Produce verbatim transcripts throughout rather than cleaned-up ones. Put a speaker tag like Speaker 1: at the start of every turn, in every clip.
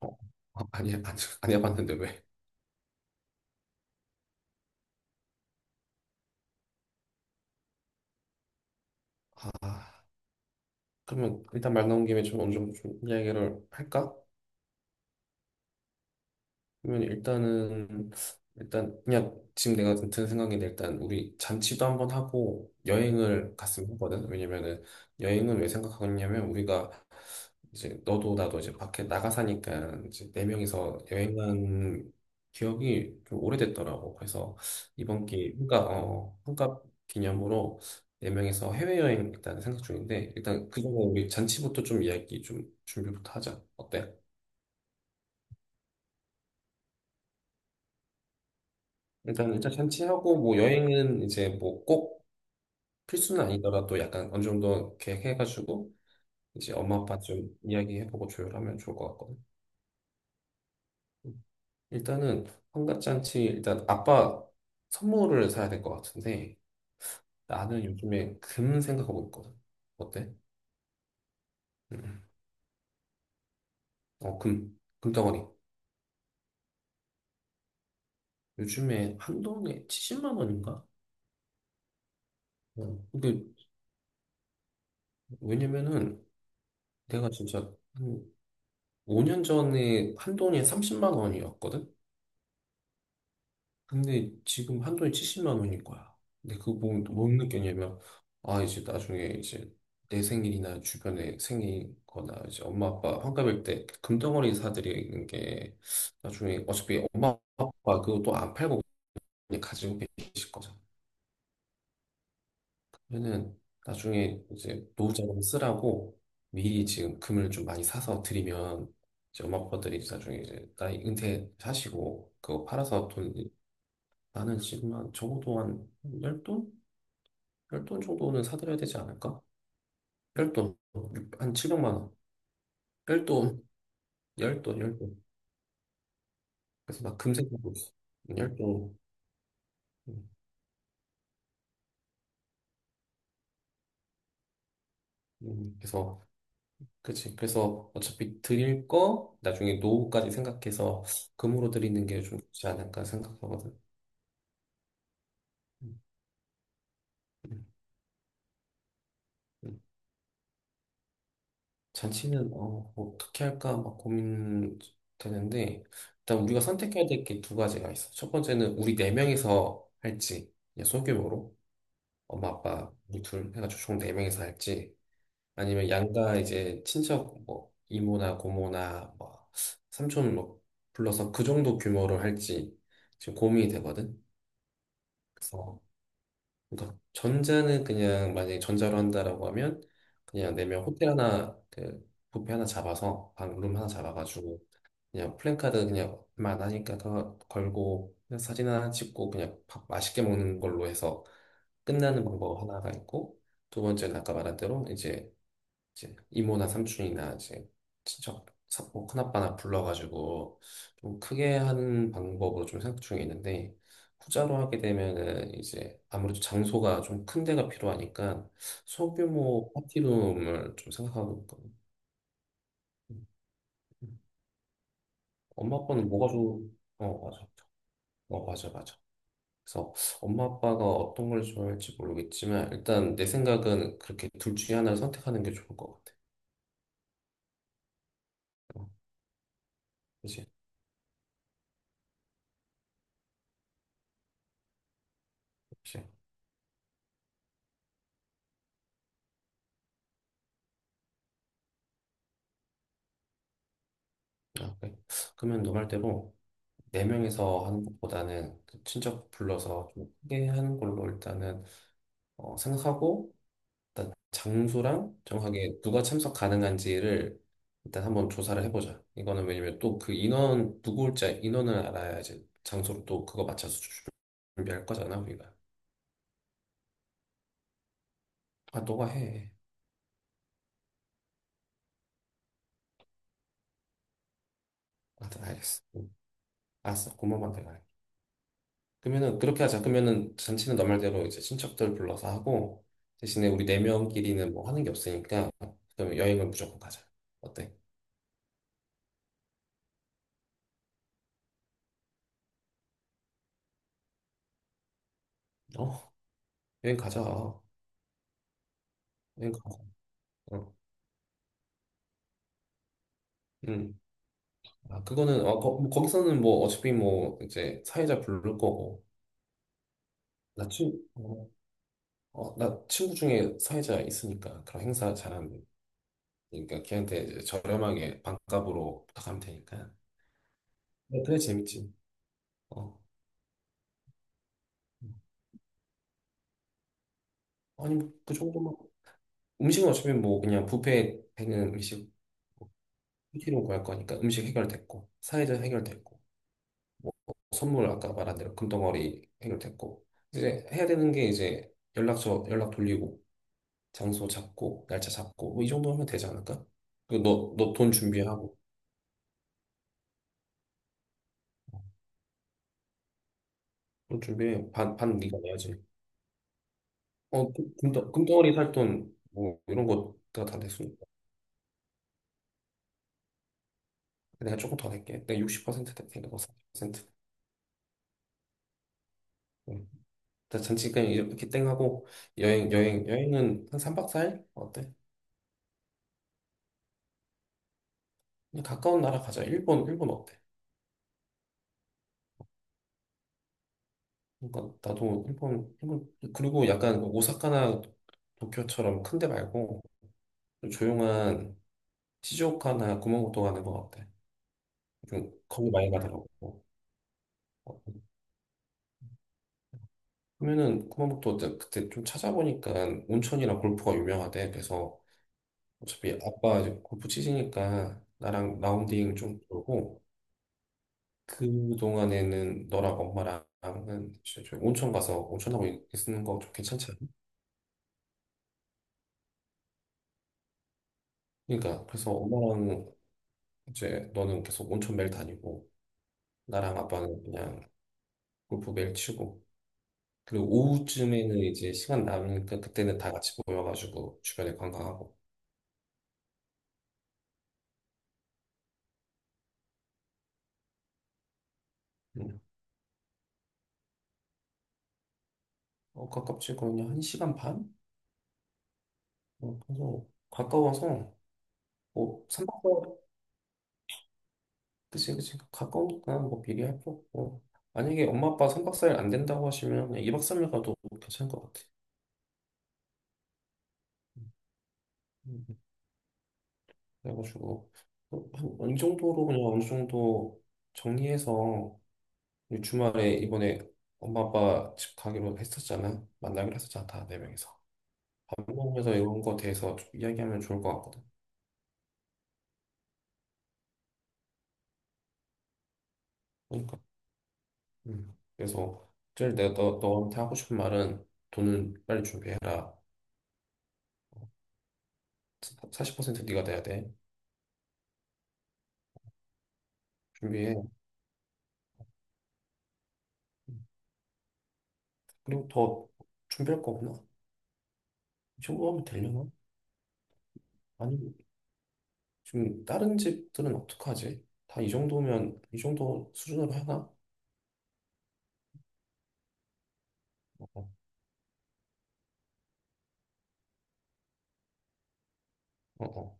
Speaker 1: 어, 어, 아니, 안, 안 해봤는데 왜? 아, 그러면 일단 말 나온 김에 좀 어느 정도 좀 이야기를 할까? 그러면 일단은 일단 그냥 지금 내가 든 생각인데 일단 우리 잔치도 한번 하고 여행을 갔으면 하거든. 왜냐면은 여행은 왜 생각하냐면 우리가 이제 너도 나도 이제 밖에 나가 사니까 이제 네 명이서 여행한 기억이 좀 오래됐더라고. 그래서 이번 기회 그러니까 어 환갑 기념으로 네 명이서 해외여행 일단 생각 중인데 일단 그전에 우리 잔치부터 좀 이야기 좀 준비부터 하자. 어때? 일단 일단 잔치하고 뭐 여행은 이제 뭐 꼭 필수는 아니더라도 약간 어느 정도 계획해가지고 이제 엄마 아빠 좀 이야기해보고 조율하면 좋을 것 같거든. 음. 일단은 환갑 잔치 일단 아빠 선물을 사야 될 것 같은데 나는 요즘에 금 생각하고 있거든. 어때? 음. 어, 금, 금덩어리. 요즘에 한 돈에 칠십만 원인가? 어. 이게 왜냐면은 내가 진짜 한 오 년 전에 한 돈이 삼십만 원이었거든. 근데 지금 한돈이 칠십만 원인 거야. 근데 그거 보면 또못 느꼈냐면, 아, 이제 나중에 이제 내 생일이나 주변에 생일 거나 이제 엄마 아빠 환갑일 때 금덩어리 사드리는 게 나중에 어차피 엄마 아빠 그거 또 안 팔고 그냥 가지고 계실 거잖아. 그러면은 나중에 이제 노후자금 쓰라고 미리 지금 금을 좀 많이 사서 드리면 이제 엄마 아빠들이 나중에 이제 나이 은퇴하시고 그거 팔아서 돈 나는 지금 한 적어도 한 열 돈? 별돈 정도는 사드려야 되지 않을까? 별돈 육- 한 칠백만 원. 별돈, 열돈, 열돈. 그래서 막 금세 보고 있어. 열돈. 음, 음, 그래서 그치. 그래서 어차피 드릴 거 나중에 노후까지 생각해서 금으로 드리는 게 좀 좋지 않을까 생각하거든. 음, 음, 음. 잔치는 어, 어떻게 할까 막 고민되는데 일단 우리가 선택해야 될 게 두 가지가 있어. 첫 번째는 우리 네 명이서 할지 그냥 소규모로. 엄마 아빠 우리 둘 해가지고 총 네 명이서 할지 아니면 양가 이제 친척 뭐 이모나 고모나 뭐 삼촌 뭐 불러서 그 정도 규모로 할지 지금 고민이 되거든. 그래서 그러니까 전자는 그냥 만약에 전자로 한다라고 하면 그냥 네 명 호텔 하나 그 뷔페 하나 잡아서 방룸 하나 잡아가지고 그냥 플랜카드 그냥 만 하니까 그거 걸고 그냥 사진 하나 찍고 그냥 밥 맛있게 먹는 걸로 해서 끝나는 방법 하나가 있고 두 번째는 아까 말한 대로 이제 이제 이모나 삼촌이나 이제 친척 사 뭐 큰아빠나 불러가지고 좀 크게 하는 방법으로 좀 생각 중에 있는데 후자로 하게 되면은 이제 아무래도 장소가 좀 큰 데가 필요하니까 소규모 파티룸을 좀 생각하고 있거든요. 엄마 아빠는 뭐가 좋? 어 맞아. 어 맞아 맞아. 그래서 엄마 아빠가 어떤 걸 좋아할지 모르겠지만 일단 내 생각은 그렇게 둘 중에 하나를 선택하는 게 좋을 것 같아요. 그치? 그치? 아, 그래. 그러면 너 말대로 네 명이서 하는 것보다는 그 친척 불러서 좀 크게 하는 걸로 일단은 어, 생각하고 일단 장소랑 정확하게 누가 참석 가능한지를 일단 한번 조사를 해보자. 이거는 왜냐면 또 그 인원 누구 올지 인원을 알아야지 장소를 또 그거 맞춰서 준비할 거잖아 우리가. 아 너가 해. 아, 알겠어. 알았어, 고모만 내가 해. 그러면은 그렇게 하자. 그러면은 잔치는 너 말대로 이제 친척들 불러서 하고 대신에 우리 네 명끼리는 뭐 하는 게 없으니까 그럼 여행을 무조건 가자. 어때? 어, 여행 가자. 여행 가자. 어. 음. 아, 그거는 어, 거, 기서는뭐 어차피 뭐 이제 사회자 부를 거고 나 친, 어, 어, 나 친구 중에 사회자 있으니까 그런 행사 잘하는 그러니까 걔한테 이제 저렴하게 반값으로 부탁하면 되니까. 네, 그래 재밌지. 어. 음. 아니 뭐그 정도만 음식은 어차피 뭐 그냥 뷔페에 있는 음식 시키로 구할 거니까 음식 해결됐고 사회적 해결됐고 뭐 선물 아까 말한 대로 금덩어리 해결됐고 이제 해야 되는 게 이제 연락처 연락 돌리고 장소 잡고 날짜 잡고 뭐 이 정도 하면 되지 않을까? 그너너 돈 준비하고 돈 준비해 반반 네가 내야지. 어 금- 금덩 금덩어리 살 돈 뭐 이런 거가 다 냈으니까 내가 조금 더 낼게. 내가 육십 퍼센트 낼게. 센트 나 잠깐 이렇게 땡 하고 여행 여행 여행은 한 삼 박 사 일 어때? 그냥 가까운 나라 가자. 일본 일본 어때? 그러니까 나도 일본 일본 그리고 약간 오사카나 도쿄처럼 큰데 말고 좀 조용한 시즈오카나 구마모토 가는 거 어때? 좀 거기 많이 가더라고. 어, 그러면은 구마모토 어때? 그때 좀 찾아보니까 온천이랑 골프가 유명하대. 그래서 어차피 아빠 이제 골프 치시니까 나랑 라운딩 좀 돌고 그동안에는 너랑 엄마랑은 이제 저희 온천 가서 온천하고 있는 거 좀 괜찮지 않아? 그러니까 그래서 엄마랑 이제 너는 계속 온천 매일 다니고 나랑 아빠는 그냥 골프 매일 치고 그리고 오후쯤에는 이제 시간 남으니까 그때는 다 같이 모여가지고 주변에 관광하고 음. 어, 가깝지 거의 한 시간 반? 어, 그래서 가까워서 뭐 삼 박 그치, 그치. 가까우니까 뭐 비교할 거 없고. 만약에 엄마 아빠 삼 박 사 일 안 된다고 하시면 그냥 이 박 삼 일 가도 괜찮을 것 같아. 음, 음, 음. 그래가지고, 어, 한, 어느 정도로 그냥 어느 정도 정리해서 우리 주말에 이번에 엄마 아빠 집 가기로 했었잖아. 만나기로 했었잖아. 다 네 명이서. 밥 먹으면서 이런 거 대해서 좀 이야기하면 좋을 것 같거든. 그러니까. 음. 그래서, 제일 내가 너, 너한테 하고 싶은 말은 돈은 빨리 준비해라. 사십 퍼센트 네가 내야 돼. 준비해. 그리고 더 준비할 거 없나? 이 정도 하면 되려나? 아니, 지금 다른 집들은 어떡하지? 다 이 정도면, 이 정도 수준으로 하나? 어, 어, 어.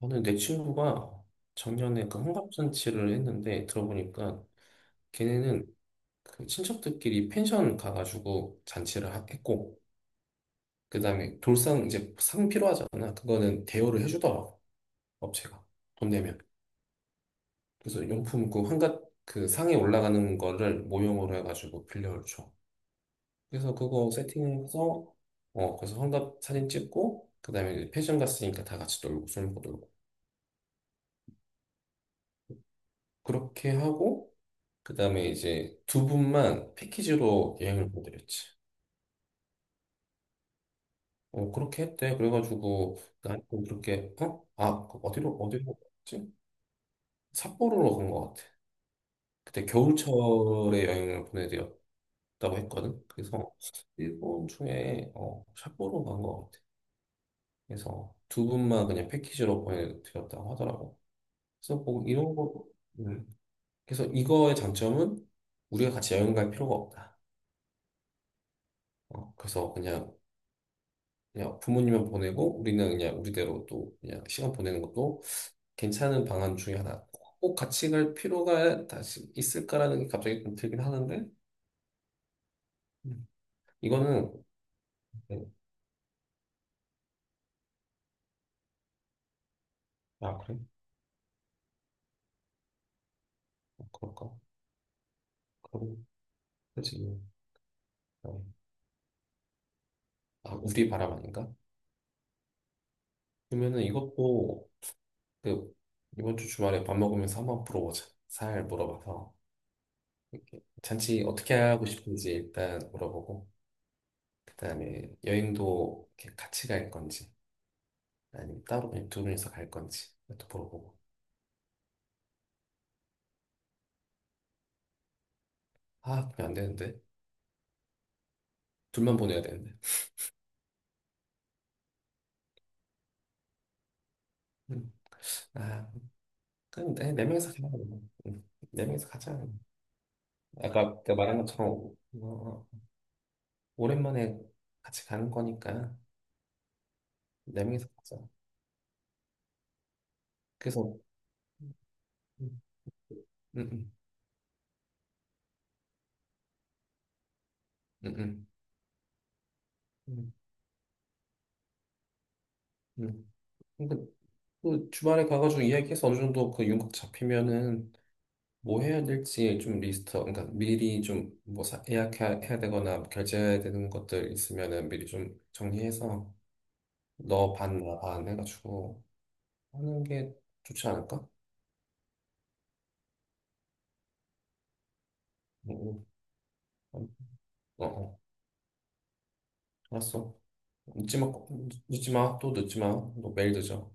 Speaker 1: 저는 내 친구가 작년에 그 환갑잔치를 했는데 들어보니까 걔네는 그 친척들끼리 펜션 가가지고 잔치를 하- 했고, 그 다음에 돌상 이제 상 필요하잖아. 그거는 대여를 해주더라고, 업체가. 돈 내면. 그래서 용품 그 환갑 그 상에 올라가는 거를 모형으로 해가지고 빌려줘. 그래서 그거 세팅해서 어 거기서 환갑 사진 찍고 그다음에 이제 패션 갔으니까 다 같이 놀고 술 먹고 놀고 그렇게 하고 그다음에 이제 두 분만 패키지로 여행을 보내드렸지. 어 그렇게 했대. 그래가지고 나는 그렇게 어아 어디로 어디로 갔지? 삿포로로 간 것 같아. 그때 겨울철에 여행을 보내드렸다고 했거든. 그래서 일본 중에 어 삿포로 간 것 같아. 그래서 두 분만 그냥 패키지로 보내드렸다고 하더라고. 그래서 뭐 이런 거, 음. 그래서 이거의 장점은 우리가 같이 여행 갈 필요가 없다. 어, 그래서 그냥, 그냥 부모님만 보내고 우리는 그냥 우리대로 또 그냥 시간 보내는 것도 괜찮은 방안 중에 하나. 꼭 같이 갈 필요가 다시 있을까라는 게 갑자기 좀 들긴 하는데, 음. 이거는, 네. 아, 그래? 어, 그럴까? 그럼, 그지. 어. 아, 우리 바람 아닌가? 그러면은 이것도 그, 이번 주 주말에 밥 먹으면서 한번 물어보자. 살 물어봐서. 이렇게 잔치 어떻게 하고 싶은지 일단 물어보고, 그다음에 여행도 이렇게 같이 갈 건지, 아니면 따로 그냥 두 명이서 갈 건지, 또 물어보고. 아, 그냥 안 되는데. 둘만 보내야 되는데. 음. 아, 그럼 네, 네 명이서 가자. 그 음, 네 명이서 가자. 아까 내가 말한 것처럼, 어, 오랜만에 같이 가는 거니까, 네 명이서 가자. 그래서, 음, 음, 음, 음, 음, 음. 음. 그, 그, 주말에 가가지고 이야기해서 어느 정도 그 윤곽 잡히면은 뭐 해야 될지 좀 리스트, 그러니까 미리 좀 뭐 예약해야 해야 되거나 뭐 결제해야 되는 것들 있으면은 미리 좀 정리해서 너 반, 나반 해가지고 하는 게 좋지 않을까? 응, 응. 어, 어, 알았어. 늦지 마, 늦지 마, 또 늦지 마. 너 매일 늦어.